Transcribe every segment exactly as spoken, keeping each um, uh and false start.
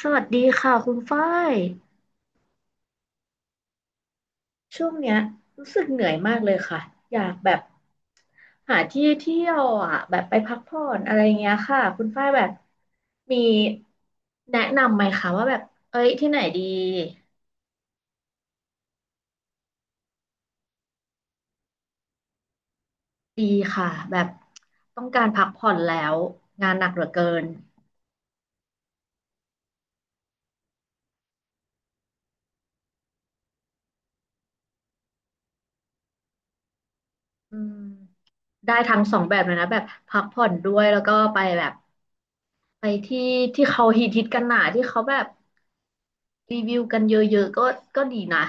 สวัสดีค่ะคุณฝ้ายช่วงเนี้ยรู้สึกเหนื่อยมากเลยค่ะอยากแบบหาที่เที่ยวอ่ะแบบไปพักผ่อนอะไรเงี้ยค่ะคุณฝ้ายแบบมีแนะนำไหมคะว่าแบบเอ้ยที่ไหนดีดีค่ะแบบต้องการพักผ่อนแล้วงานหนักเหลือเกินอืมได้ทั้งสองแบบเลยนะแบบพักผ่อนด้วยแล้วก็ไปแบบไปที่ที่เขาฮิตฮิตกันหนาที่เขาแบบรีวิวกันเยอะๆก็ก็ดีนะ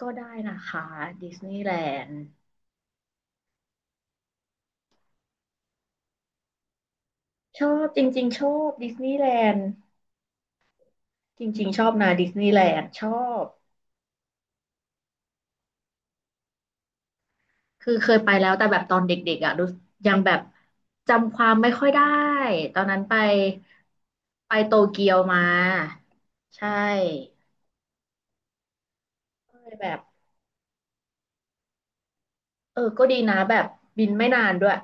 ก็ได้นะคะดิสนีย์แลนด์ชอบจริงๆชอบดิสนีย์แลนด์จริงๆชอบนะดิสนีย์แลนด์ชอบคือเคยไปแล้วแต่แบบตอนเด็กๆอ่ะรู้ยังแบบจำความไม่ค่อยได้ตอนนั้นไปไปโตเกียวมาใช่ก็เลยแบบเออก็ดีนะแบบบินไม่นานด้วย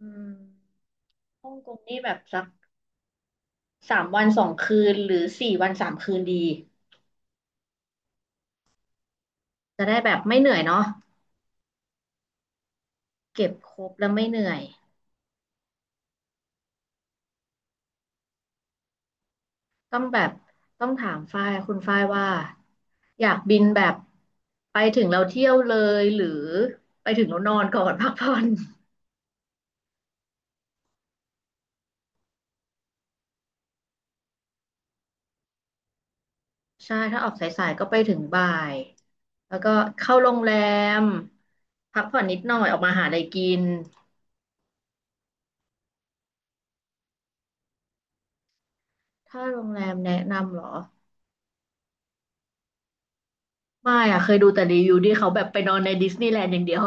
อืมฮ่องกงนี่แบบสักสามวันสองคืนหรือสี่วันสามคืนดีจะได้แบบไม่เหนื่อยเนาะเก็บครบแล้วไม่เหนื่อย ต้องแบบต้องถามฝ้ายคุณฝ้ายว่าอยากบินแบบไปถึงเราเที่ยวเลยหรือไปถึงเรานอนก่อน พักผ่อนใช่ถ้าออกสายๆก็ไปถึงบ่ายแล้วก็เข้าโรงแรมพักผ่อนนิดหน่อยออกมาหาอะไรกินถ้าโรงแรมแนะนำเหรอไม่อะเคยดูแต่รีวิวที่เขาแบบไปนอนในดิสนีย์แลนด์อย่างเดียว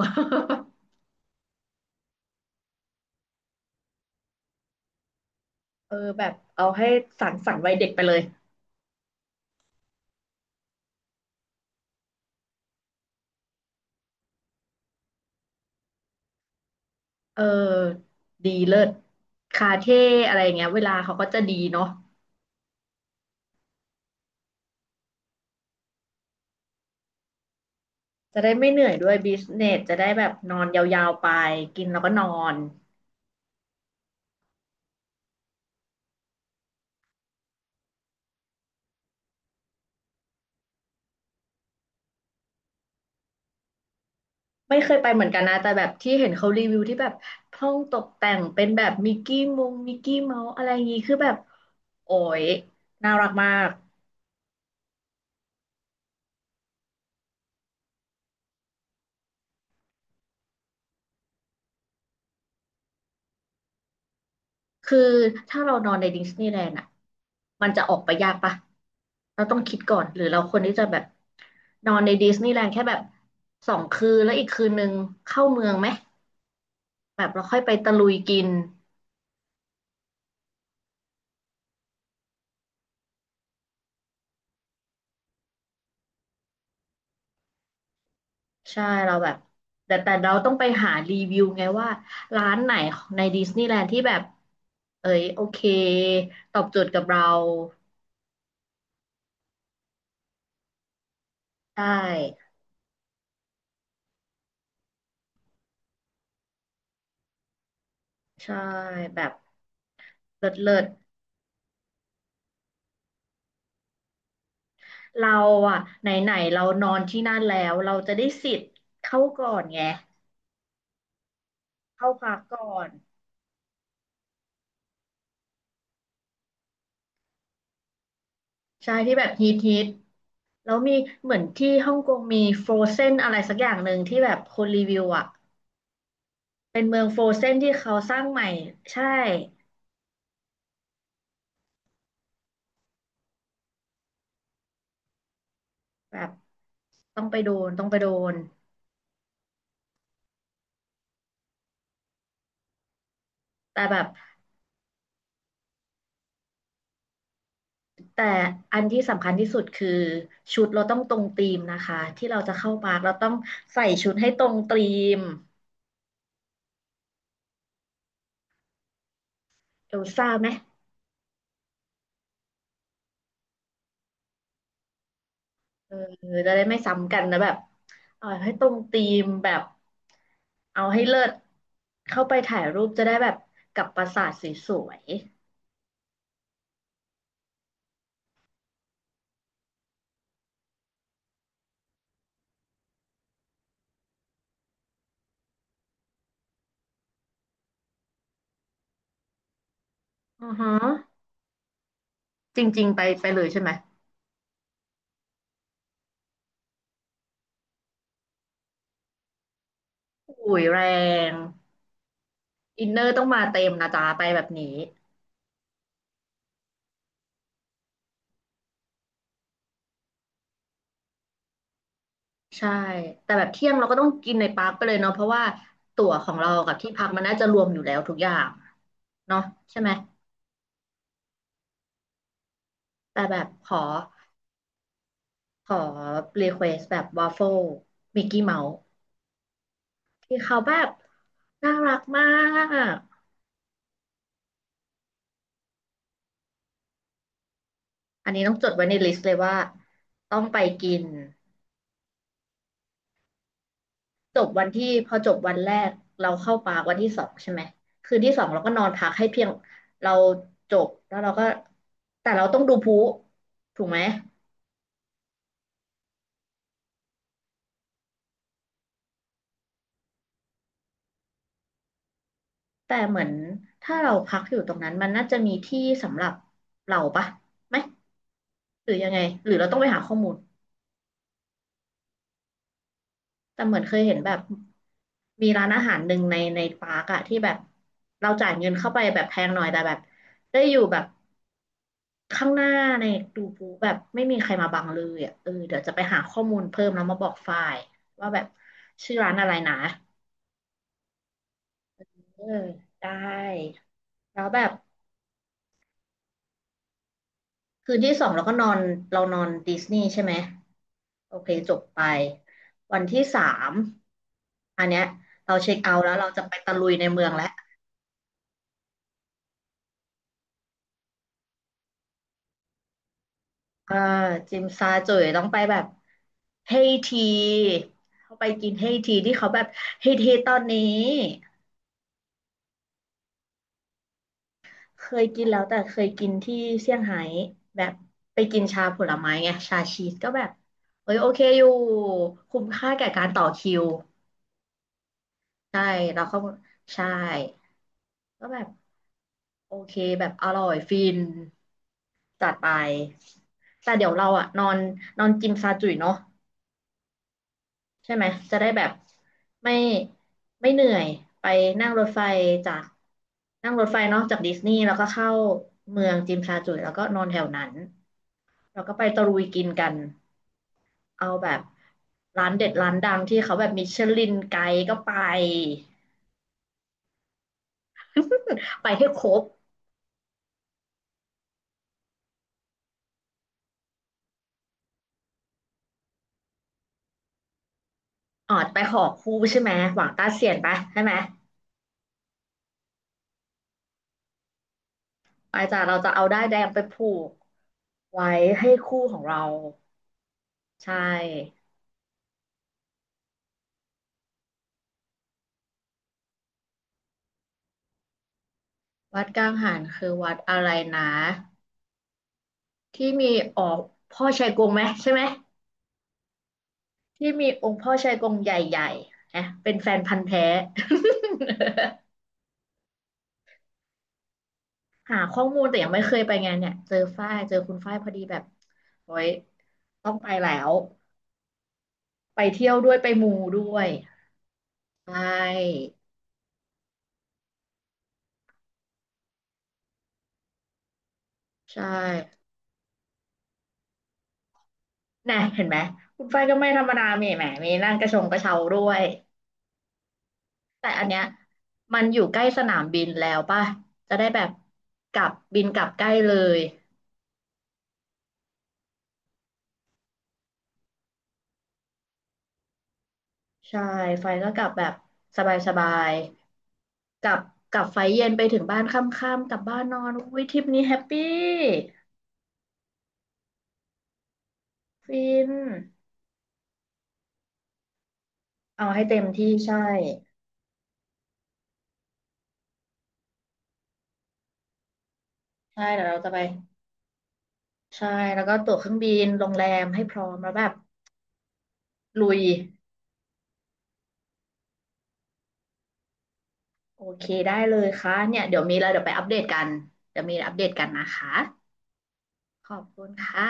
เออแบบเอาให้สั่นๆันวัยเด็กไปเลยเออดีเลิศคาเท่อะไรอย่างเงี้ยเวลาเขาก็จะดีเนาะ จะได้ไม่เหนื่อยด้วยบิสเนสจะได้แบบนอนยาวๆไปกินแล้วก็นอนไม่เคยไปเหมือนกันนะแต่แบบที่เห็นเขารีวิวที่แบบห้องตกแต่งเป็นแบบมิกกี้มงมิกกี้เมาส์อะไรอย่างงี้คือแบบโอ้ยน่ารักมากคือถ้าเรานอนในดิสนีย์แลนด์อ่ะมันจะออกไปยากปะเราต้องคิดก่อนหรือเราควรที่จะแบบนอนในดิสนีย์แลนด์แค่แบบสองคืนแล้วอีกคืนนึงเข้าเมืองไหมแบบเราค่อยไปตะลุยกิน ใช่เราแบบแต่แต่เราต้องไปหารีวิวไงว่าร้านไหนในดิสนีย์แลนด์ที่แบบเอ้ยโอเคตอบโจทย์กับเราใช่ใช่แบบเลิศเลิศเราอ่ะไหนไหนเรานอนที่นั่นแล้วเราจะได้สิทธิ์เข้าก่อนไงเข้าพักก่อนใช่ที่แบบฮิตฮิตแล้วมีเหมือนที่ฮ่องกงมีฟร o เซนอะไรสักอย่างหนึ่งที่แบบคนรีวิวอ่ะเป็นเมืองฟร o เซนที่เขาสร้างใหม่ใช่แบบ ต้องไปโดนต้องไปโดนแต่แบบแต่อันที่สำคัญที่สุดคือชุดเราต้องตรงธีมนะคะที่เราจะเข้าปาร์คเราต้องใส่ชุดให้ตรงธีมเอลซ่าไหมเออจะได้ไม่ซ้ำกันนะแบบเอาให้ตรงธีมแบบเอาให้เลิศเข้าไปถ่ายรูปจะได้แบบกับปราสาทสวยๆอือฮะจริงๆไปไปเลยใช่ไหมอุ้ยแรงอินเนอร์ต้องมาเต็มนะจ๊ะไปแบบนี้ ใช่แต่แบบเที่ยงเราก็ต้องกินในปาร์คไปเลยเนาะเพราะว่าตั๋วของเรากับที่พักมันน่าจะรวมอยู่แล้วทุกอย่างเนาะใช่ไหมแต่แบบขอขอรีเควสแบบวาฟเฟิลมิกกี้เมาส์ที่เขาแบบน่ารักมากอันนี้ต้องจดไว้ในลิสต์เลยว่าต้องไปกินจบวันที่พอจบวันแรกเราเข้าปาร์ควันที่สองใช่ไหมคืนที่สองเราก็นอนพักให้เพียงเราจบแล้วเราก็แต่เราต้องดูพลุถูกไหม แต่เหมือนถ้าเราพักอยู่ตรงนั้นมันน่าจะมีที่สำหรับเราปะไหมหรือยังไงหรือเราต้องไปหาข้อมูลแต่เหมือนเคยเห็นแบบมีร้านอาหารหนึ่งในในปาร์กอะที่แบบเราจ่ายเงินเข้าไปแบบแพงหน่อยแต่แบบได้อยู่แบบข้างหน้าในดูปูแบบไม่มีใครมาบังเลยอะเออเดี๋ยวจะไปหาข้อมูลเพิ่มแล้วมาบอกฝ่ายว่าแบบชื่อร้านอะไรนะเออได้แล้วแบบ คืนที่สองเราก็นอนเรานอนดิสนีย์ใช่ไหมโอเคจบไปวันที่สามอันเนี้ยเราเช็คเอาท์แล้วเราจะไปตะลุยในเมืองแล้วอ่าจิมซาจุ๋ยต้องไปแบบเฮทีเขาไปกินเฮทีที่เขาแบบเฮทีตอนนี้เคยกินแล้วแต่เคยกินที่เซี่ยงไฮ้แบบไปกินชาผลไม้ไงชาชีสก็แบบเอ้ยโอเคอยู่คุ้มค่าแก่การต่อคิวใช่เราก็ใช่ก็แบบ โอเคแบบอร่อยฟินจัดไปแต่เดี๋ยวเราอะนอนนอนกินซาจุ๋ยเนาะใช่ไหมจะได้แบบไม่ไม่เหนื่อยไปนั่งรถไฟจากนั่งรถไฟเนาะจากดิสนีย์แล้วก็เข้าเมืองจิมซาจุ๋ยแล้วก็นอนแถวนั้นแล้วก็ไปตะลุยกินกันเอาแบบร้านเด็ดร้านดังที่เขาแบบมิชลินไกด์ก็ไปไปให้ครบอ๋อไปขอคู่ใช่ไหมหวังต้าเสียนไปใช่ไหม ไปจ้ะเราจะเอาด้ายแดงไปผูกไว้ให้คู่ของเราใช่วัดกังหันคือวัดอะไรนะที่มีออกพ่อชัยกงไหมใช่ไหมที่มีองค์พ่อชัยกงใหญ่ๆนะเป็นแฟนพันธุ์แท้ หาข้อมูลแต่ยังไม่เคยไปไงานเนี่ยเจอฝ้ายเจอคุณฝ้ายพอดีแบบโอ้ยต้องไปแล้วไปเที่ยวด้วยไปมูด้วยใช่ใช่ น่ะเห็นไหมคุณไฟก็ไม่ธรรมดามีแหมมีนั่งกระชงกระเช้าด้วยแต่อันเนี้ยมันอยู่ใกล้สนามบินแล้วป่ะจะได้แบบกลับบินกลับใกล้เลยใช่ไฟก็กลับแบบสบายๆกลับกลับไฟเย็นไปถึงบ้านค่ำๆกลับบ้านนอนอุ้ยทริปนี้แฮปปี้ฟินเอาให้เต็มที่ใช่ใช่เดี๋ยวเราจะไปใช่แล้วก็ตั๋วเครื่องบินโรงแรมให้พร้อมแล้วแบบลุย โอเคได้เลยค่ะเนี่ยเดี๋ยวมีอะไรเดี๋ยวไปอัปเดตกันเดี๋ยวมีอะไรอัปเดตกันนะคะขอบคุณค่ะ